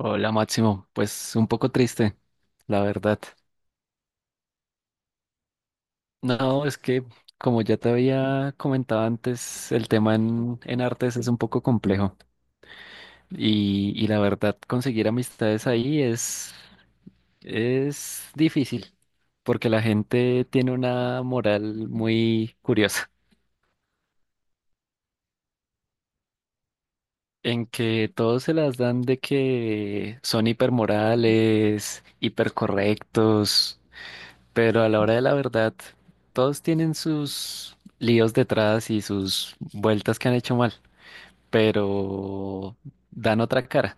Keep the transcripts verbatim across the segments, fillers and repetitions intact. Hola Máximo, pues un poco triste, la verdad. No, es que como ya te había comentado antes, el tema en, en artes es un poco complejo y, y la verdad conseguir amistades ahí es, es difícil porque la gente tiene una moral muy curiosa en que todos se las dan de que son hipermorales, hipercorrectos. Pero a la hora de la verdad, todos tienen sus líos detrás y sus vueltas que han hecho mal, pero dan otra cara.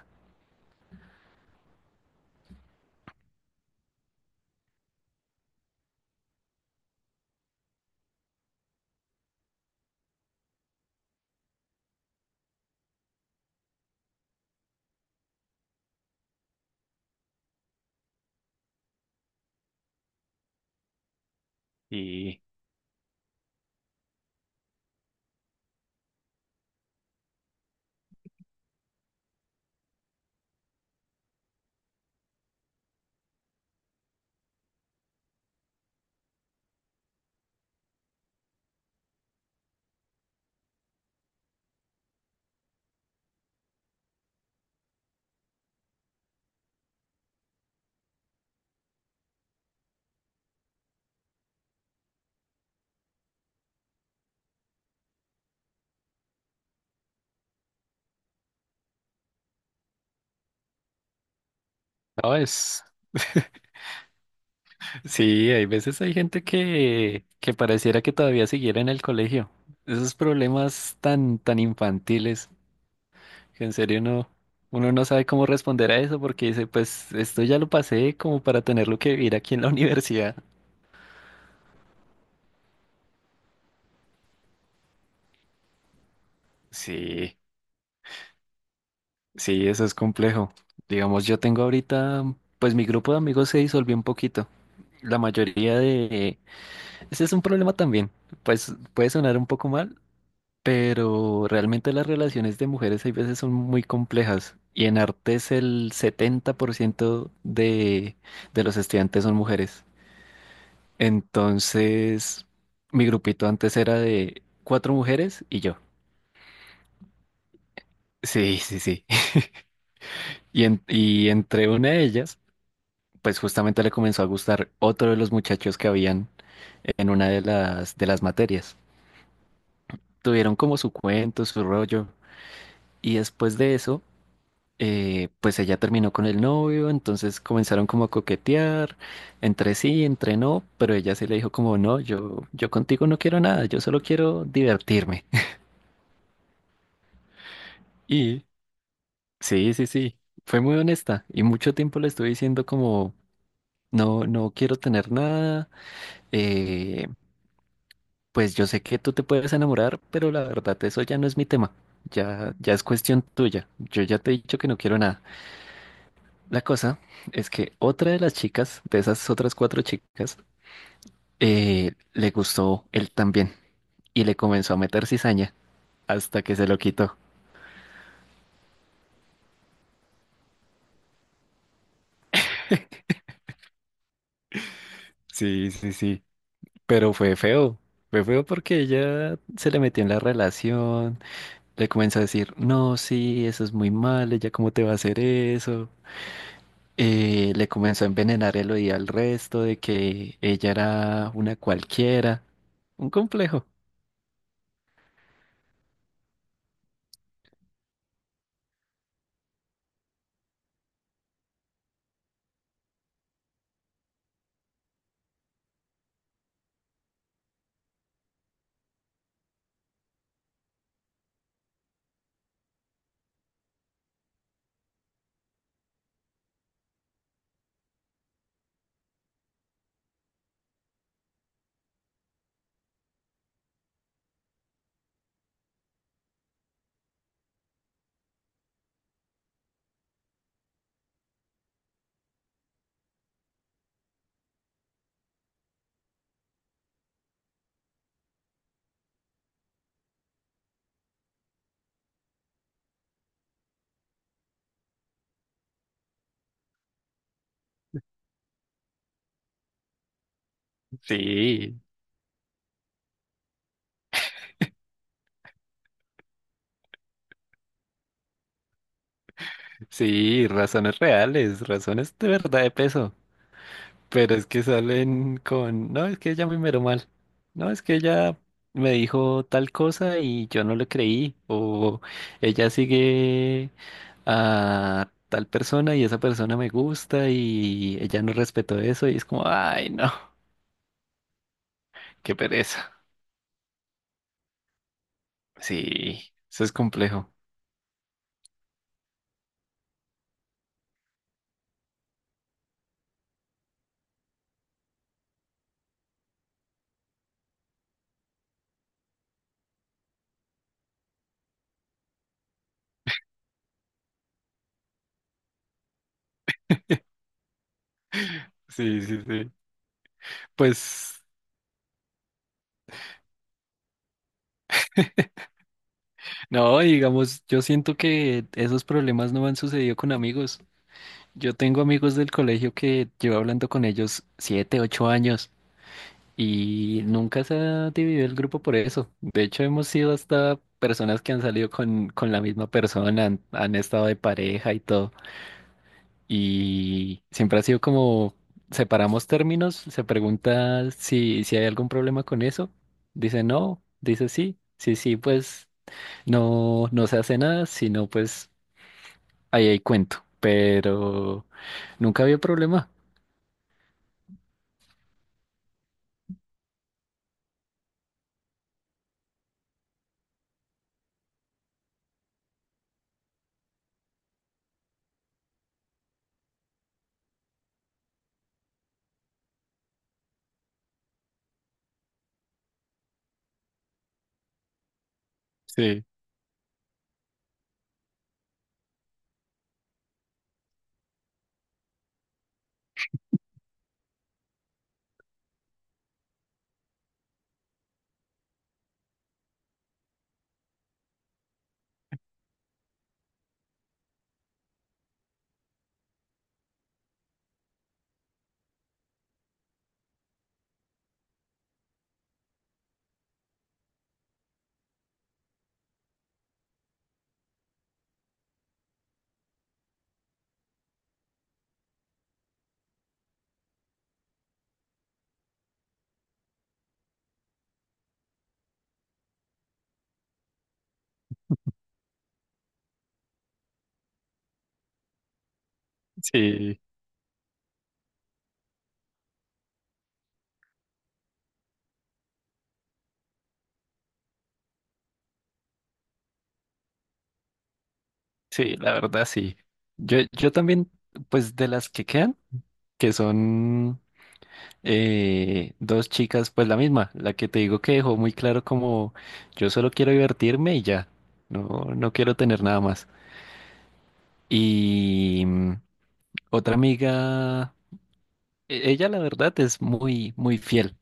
Y no es. Sí, hay veces hay gente que, que pareciera que todavía siguiera en el colegio. Esos problemas tan, tan infantiles que en serio no, uno no sabe cómo responder a eso porque dice, pues esto ya lo pasé como para tenerlo que vivir aquí en la universidad. Sí. Sí, eso es complejo. Digamos, yo tengo ahorita, pues mi grupo de amigos se disolvió un poquito. La mayoría de... Ese es un problema también. Pues puede sonar un poco mal, pero realmente las relaciones de mujeres hay veces son muy complejas. Y en artes el setenta por ciento de, de los estudiantes son mujeres. Entonces, mi grupito antes era de cuatro mujeres y yo. Sí, sí, sí. Y, en- y entre una de ellas, pues justamente le comenzó a gustar otro de los muchachos que habían en una de las, de las materias. Tuvieron como su cuento, su rollo, y después de eso, eh, pues ella terminó con el novio, entonces comenzaron como a coquetear, entre sí, entre no, pero ella sí le dijo como, no, yo, yo contigo no quiero nada, yo solo quiero divertirme. Y sí, sí, sí, fue muy honesta y mucho tiempo le estuve diciendo como, no, no quiero tener nada, eh, pues yo sé que tú te puedes enamorar, pero la verdad eso ya no es mi tema. Ya, ya es cuestión tuya. Yo ya te he dicho que no quiero nada. La cosa es que otra de las chicas, de esas otras cuatro chicas, eh, le gustó él también y le comenzó a meter cizaña hasta que se lo quitó. Sí, sí, sí. Pero fue feo. Fue feo porque ella se le metió en la relación, le comenzó a decir, no, sí, eso es muy mal, ella cómo te va a hacer eso. Eh, le comenzó a envenenar el oído al resto de que ella era una cualquiera. Un complejo. Sí, sí, razones reales, razones de verdad de peso. Pero es que salen con, no, es que ella me miró mal. No, es que ella me dijo tal cosa y yo no le creí. O ella sigue a tal persona y esa persona me gusta y ella no respetó eso y es como, ay, no, qué pereza. Sí, eso es complejo. Sí, sí, sí. Pues, no, digamos, yo siento que esos problemas no han sucedido con amigos. Yo tengo amigos del colegio que llevo hablando con ellos siete, ocho años y nunca se ha dividido el grupo por eso. De hecho, hemos sido hasta personas que han salido con, con la misma persona, han, han estado de pareja y todo. Y siempre ha sido como separamos términos, se pregunta si, si hay algún problema con eso, dice no, dice sí, sí, sí, pues no, no se hace nada, sino pues ahí hay cuento, pero nunca había problema. Sí, sí, sí, la verdad sí. Yo, yo también, pues de las que quedan, que son eh, dos chicas, pues la misma, la que te digo que dejó muy claro como yo solo quiero divertirme y ya, no, no quiero tener nada más. Y mm, otra amiga, e- ella la verdad es muy, muy fiel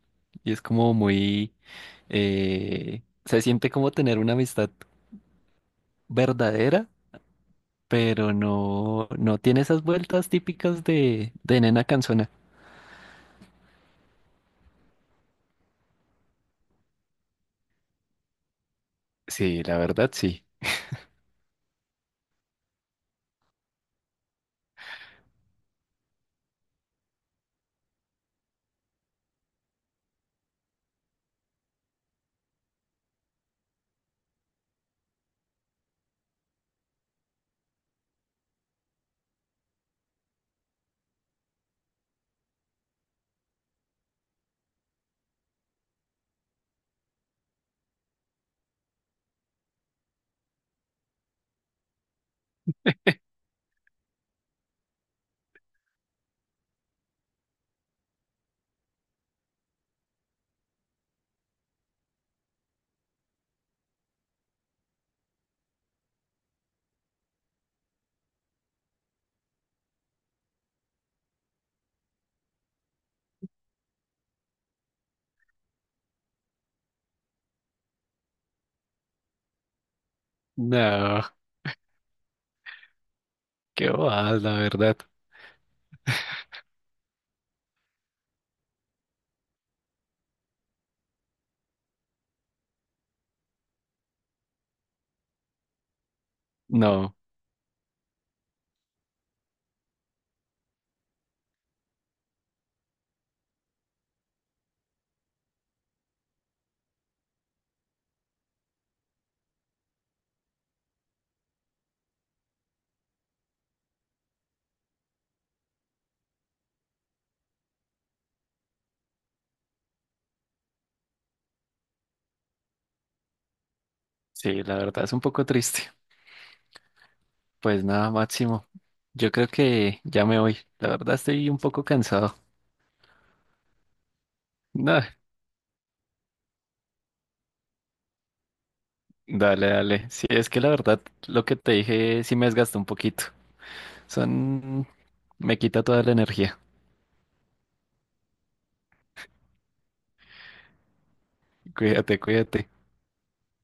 y es como muy, eh, se siente como tener una amistad verdadera, pero no, no tiene esas vueltas típicas de, de nena canzona. Sí, la verdad sí. No, qué bobada, la verdad. No. Sí, la verdad es un poco triste. Pues nada, Máximo. Yo creo que ya me voy. La verdad estoy un poco cansado. No, dale, dale. Sí, es que la verdad lo que te dije sí me desgastó un poquito. Son... Me quita toda la energía. Cuídate, cuídate.